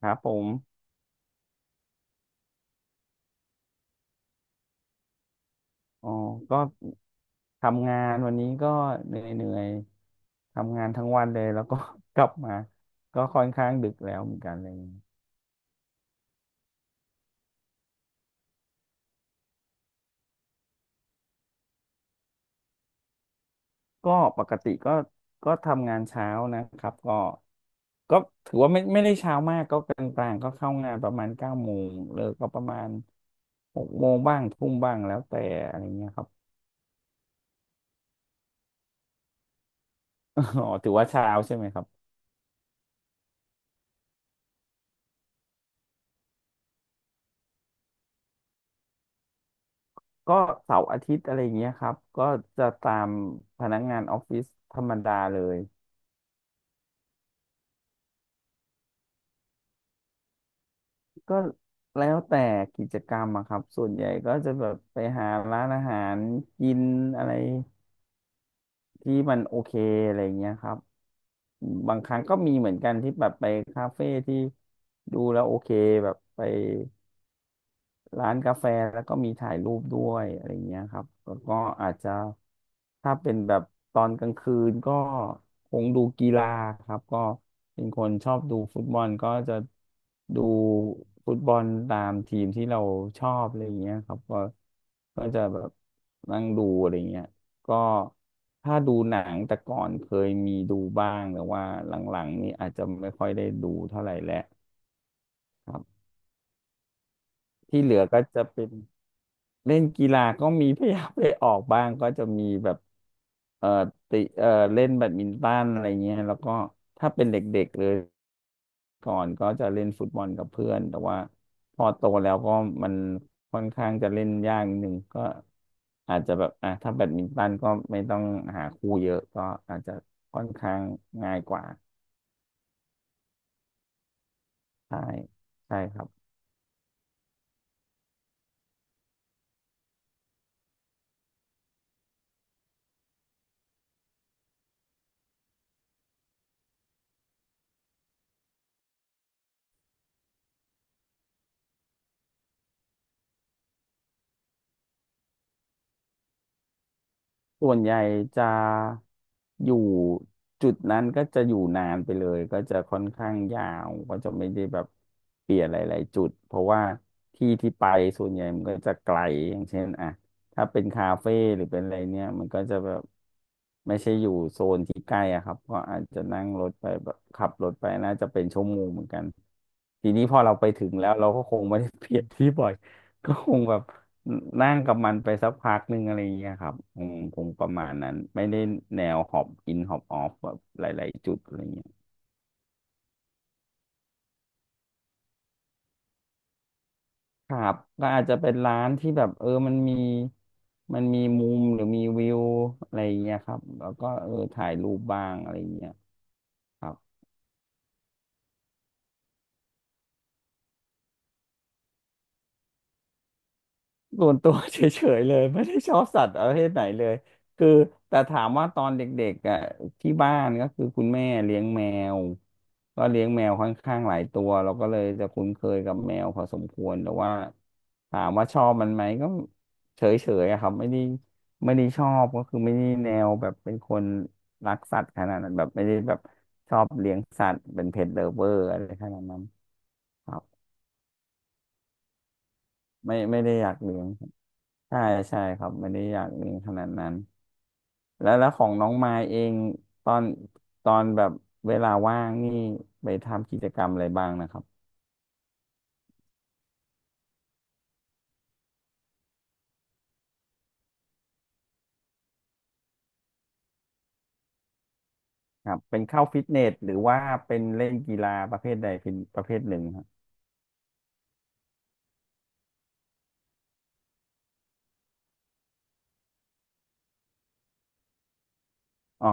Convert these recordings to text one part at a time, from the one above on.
ครับผมอ๋อก็ทำงานวันนี้ก็เหนื่อยๆ ทำงานทั้งวันเลยแล้วก็ กลับมาก็ค่อนข้างดึกแล้วเหมือนกันอะไรอย่างเลยก็ปกติก็ทำงานเช้านะครับ ก็ถือว่าไม่ได้เช้ามากก็กลางๆ ก็เข้างานประมาณ9 โมงเลิกก็ประมาณ6 โมงบ้างทุ่มบ้างแล้วแต่อะไรเงี้ยครับ อ๋อถือว่าเช้าใช่ไหมครับ ก็เสาร์อาทิตย์อะไรเงี้ยครับก็จะตามพนักงานออฟฟิศธรรมดาเลย ก็แล้วแต่กิจกรรมอะครับ ส่วนใหญ่ก็จะแบบไปหาร้านอาหารกินอะไรที่มันโอเคอะไรเงี้ยครับ บางครั้งก็มีเหมือนกันที่แบบไปคาเฟ่ที่ดูแล้วโอเคแบบไป ร้านกาแฟแล้วก็มีถ่ายรูปด้วยอะไรอย่างเงี้ยครับแล้วก็อาจจะถ้าเป็นแบบตอนกลางคืนก็คงดูกีฬาครับก็เป็นคนชอบดูฟุตบอลก็จะดูฟุตบอลตามทีมที่เราชอบอะไรอย่างเงี้ยครับก็ก็จะแบบนั่งดูอะไรอย่างเงี้ยก็ถ้าดูหนังแต่ก่อนเคยมีดูบ้างแต่ว่าหลังๆนี่อาจจะไม่ค่อยได้ดูเท่าไหร่แล้วครับที่เหลือก็จะเป็น เล่นกีฬาก็มีพยายามไปออกบ้างก็จะมีแบบเอ่อติเล่นแบดมินตันอะไรเงี้ยแล้วก็ถ้าเป็นเด็กๆเลยก่อนก็จะเล่นฟุตบอลกับเพื่อนแต่ว่าพอโตแล้วก็มันค่อนข้างจะเล่นยากนิดนึงก็อาจจะแบบอ่ะถ้าแบดมินตันก็ไม่ต้องหาคู่เยอะก็อาจจะค่อนข้างง่ายกว่าใช่ใช่ครับ ส่วนใหญ่จะอยู่จุดนั้นก็จะอยู่นานไปเลยก็จะค่อนข้างยาวก็จะไม่ได้แบบเปลี่ยนหลายๆจุดเพราะว่าที่ที่ไปส่วนใหญ่มันก็จะไกลอย่างเช่นอ่ะถ้าเป็นคาเฟ่หรือเป็นอะไรเนี่ยมันก็จะแบบไม่ใช่อยู่โซนที่ใกล้อะครับก็อาจจะนั่งรถไปแบบขับรถไปน่าจะเป็นชั่วโมงเหมือนกันทีนี้พอเราไปถึงแล้วเราก็คงไม่ได้เปลี่ยนที่บ่อย ก็คงแบบ นั่งกับมันไปสักพักหนึ่งอะไรอย่างเงี้ยครับอืมคงประมาณนั้นไม่ได้แนวฮอบอินฮอบออฟแบบหลายๆจุดอะไรเงี้ยครับก็อาจจะเป็นร้านที่แบบเออมันมีมุมหรือมีวิวอะไรอย่างเงี้ยครับแล้วก็เออถ่ายรูปบ้างอะไรอย่างเงี้ยครับ ส่วนตัว เฉยๆเลย ไม่ได้ชอบสัตว์ประเภทไหนเลยคือแต่ถามว่าตอนเด็กๆอ่ะที่บ้านก็คือคุณแม่เลี้ยงแมวก็เลี้ยงแมวค่อนข้างหลายตัวเราก็เลยจะคุ้นเคยกับแมวพอสมควรแต่ว่าถามว่าชอบมันไหมก็เฉยๆอะครับไม่ได้ไม่ได้ชอบก็คือไม่ได้แนวแบบเป็นคนรักสัตว์ขนาดนั้นแบบไม่ได้แบบชอบเลี้ยงสัตว์เป็นเพ t l เ v เวอร์อะไรขนาดนั้นครับไม่ได้อยากเลี้ยง ใช่ใช่ครับไม่ได้อยากเรียนขนาดนั้นแล้วแล้วของน้องมายเองตอนตอนแบบเวลาว่างนี่ไปทำกิจกรรมอะไรบ้างนะครับครับเป็นเข้าฟิตเนสหรือว่าเป็นเล่นกีฬาประเภทใดเป็นประเภทหนึ่งครับอ๋อ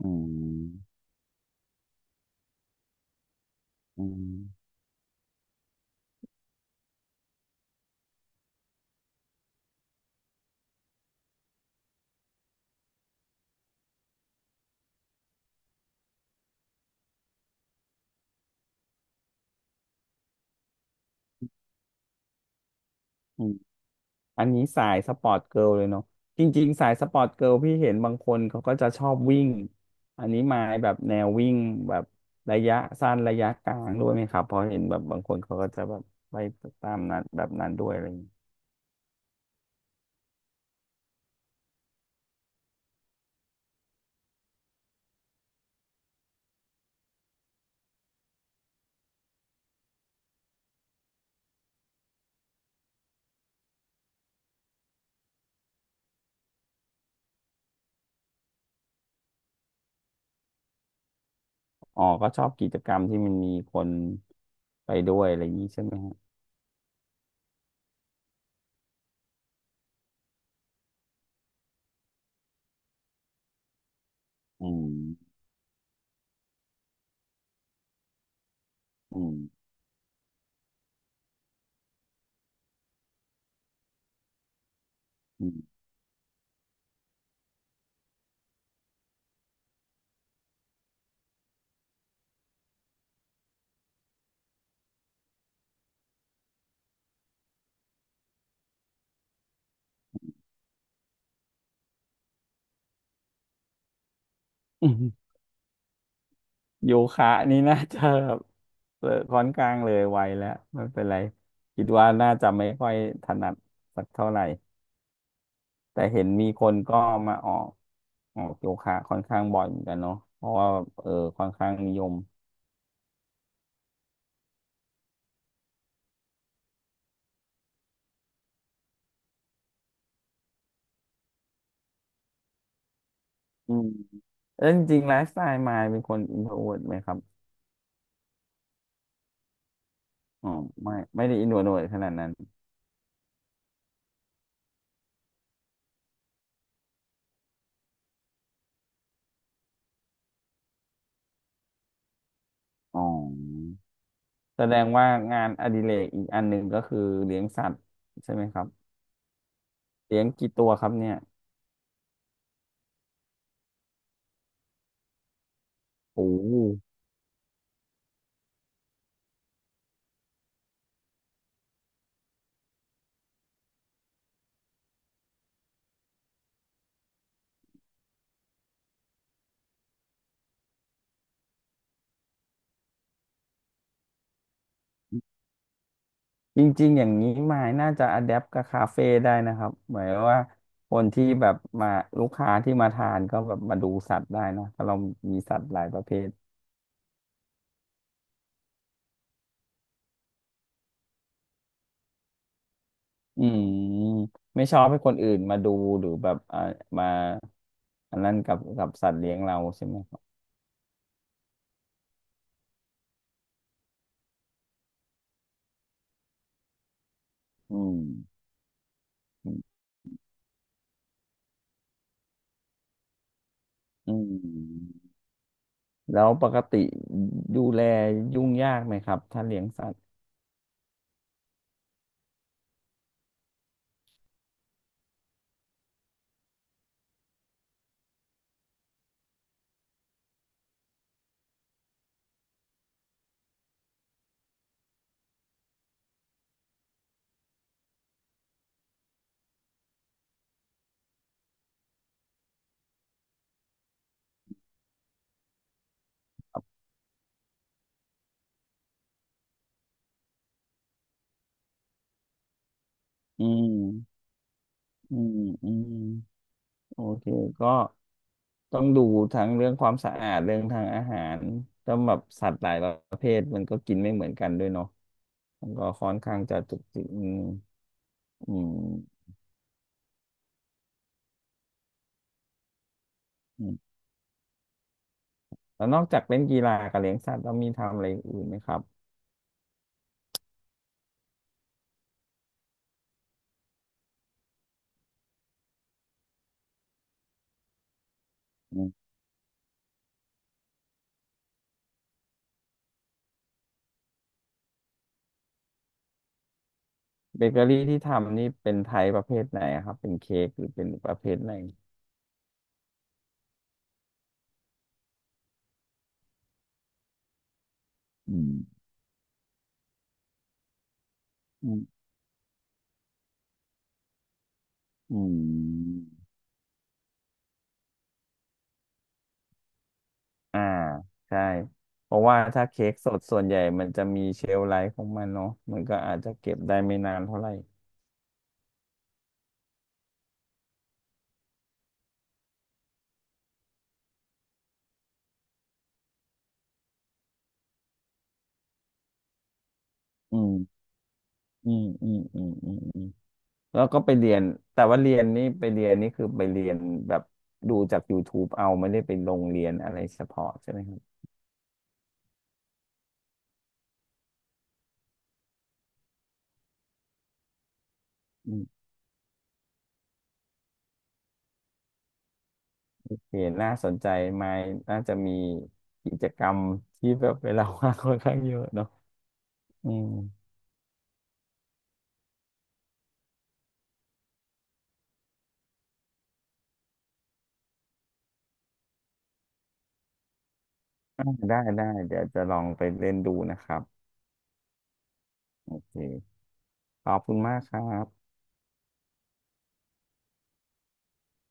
อืมอืม อันนี้สายสปอร์ตเกิร์ลเลยเนาะจริงๆสายสปอร์ตเกิร์ลพี่เห็นบางคนเขาก็จะชอบวิ่งอันนี้มาแบบแนววิ่งแบบระยะสั้นระยะกลางด้วยไหมครับเพราะเห็นแบบบางคนเขาก็จะแบบไปตามนั้นแบบนั้นด้วยอะไรอย่างเงี้ยอ๋อก็ชอบกิจกรรมที่มันมีคนไปด้วยอะไรอย่างนี้ใช่ไหมฮะอืมอืมอืมอืมโยคะนี่น่าจะแบบเออค่อนข้างเลยไวแล้วไม่เป็นไรคิดว่าน่าจะไม่ค่อยถนัดสักเท่าไหร่ แต่เห็นมีคนก็มาออกโยคะค่อนข้างบ่อยเหมือนกันเนาะเพราะว่าเออค่อนข้างนิยมอืมแล้วจริงๆไลฟ์สไตล์มายเป็นคนอินโทรเวิร์ไหมครับอ๋อไม่ได้อินโทรเวิร์ขนาดนั้นอ๋อแสดงว่างานอดิเรกอีกอันหนึ่งก็คือเลี้ยงสัตว์ใช่ไหมครับเลี้ยงกี่ตัวครับเนี่ยโอ้ จริงๆ อย่างนี้มายน่าจะอะแดปกับคาเฟ่ได้นะครับหมายว่าคนที่แบบมาลูกค้าที่มาทานก็แบบมาดูสัตว์ได้นะเพราะเรามีสัตว์หลายประเภทอืมไม่ชอบให้คนอื่นมาดูหรือแบบอ่ามาอันนั้นกับกับสัตว์เลี้ยงเราใช่ไหมครับอืมอืมแล้วปกติดูแลยุ่งยากไหมครับถ้าเลี้ยงสัตว์อืมอืมอืมโอเคก็ ต้องดูทั้งเรื่องความสะอาดเรื่องทางอาหารต้องแบบสัตว์หลายประเภทมันก็กินไม่เหมือนกันด้วยเนาะมันก็ค่อนข้างจะจุกจิกอืมอืมอืมแล้วนอกจากเล่นกีฬากับเลี้ยงสัตว์แล้วมีทำอะไรอื่นไหมครับอืมเบเกอรี่ที่ทำนี่เป็นไทยประเภทไหนอะครับ เป็นเค้กหรือเป็นประเภทไหนอืมอืมอืมอ่าใช่เพราะว่าถ้าเค้กสดส่วนใหญ่มันจะมีเชลฟ์ไลฟ์ของมันเนาะมันก็อาจจะเก็บได้ไม่นานเท่าไหร่อืม อืมอืมอืมอืมอืมแล้วก็ไปเรียนแต่ว่าเรียนนี่ไปเรียนนี่คือไปเรียนแบบดูจาก YouTube เอาไม่ได้ไปลงเรียนอะไรเฉพาะใช่ไหมครับอืมโอเห็นน่าสนใจไหมน่าจะมีกิจกรรมที่แบบเวลาว่างค่อนข้างเยอะเนาะอืมอ่ะได้ได้เดี๋ยวจะลองไปเล่นดูนะครับโอเคขอบคุณมากครับ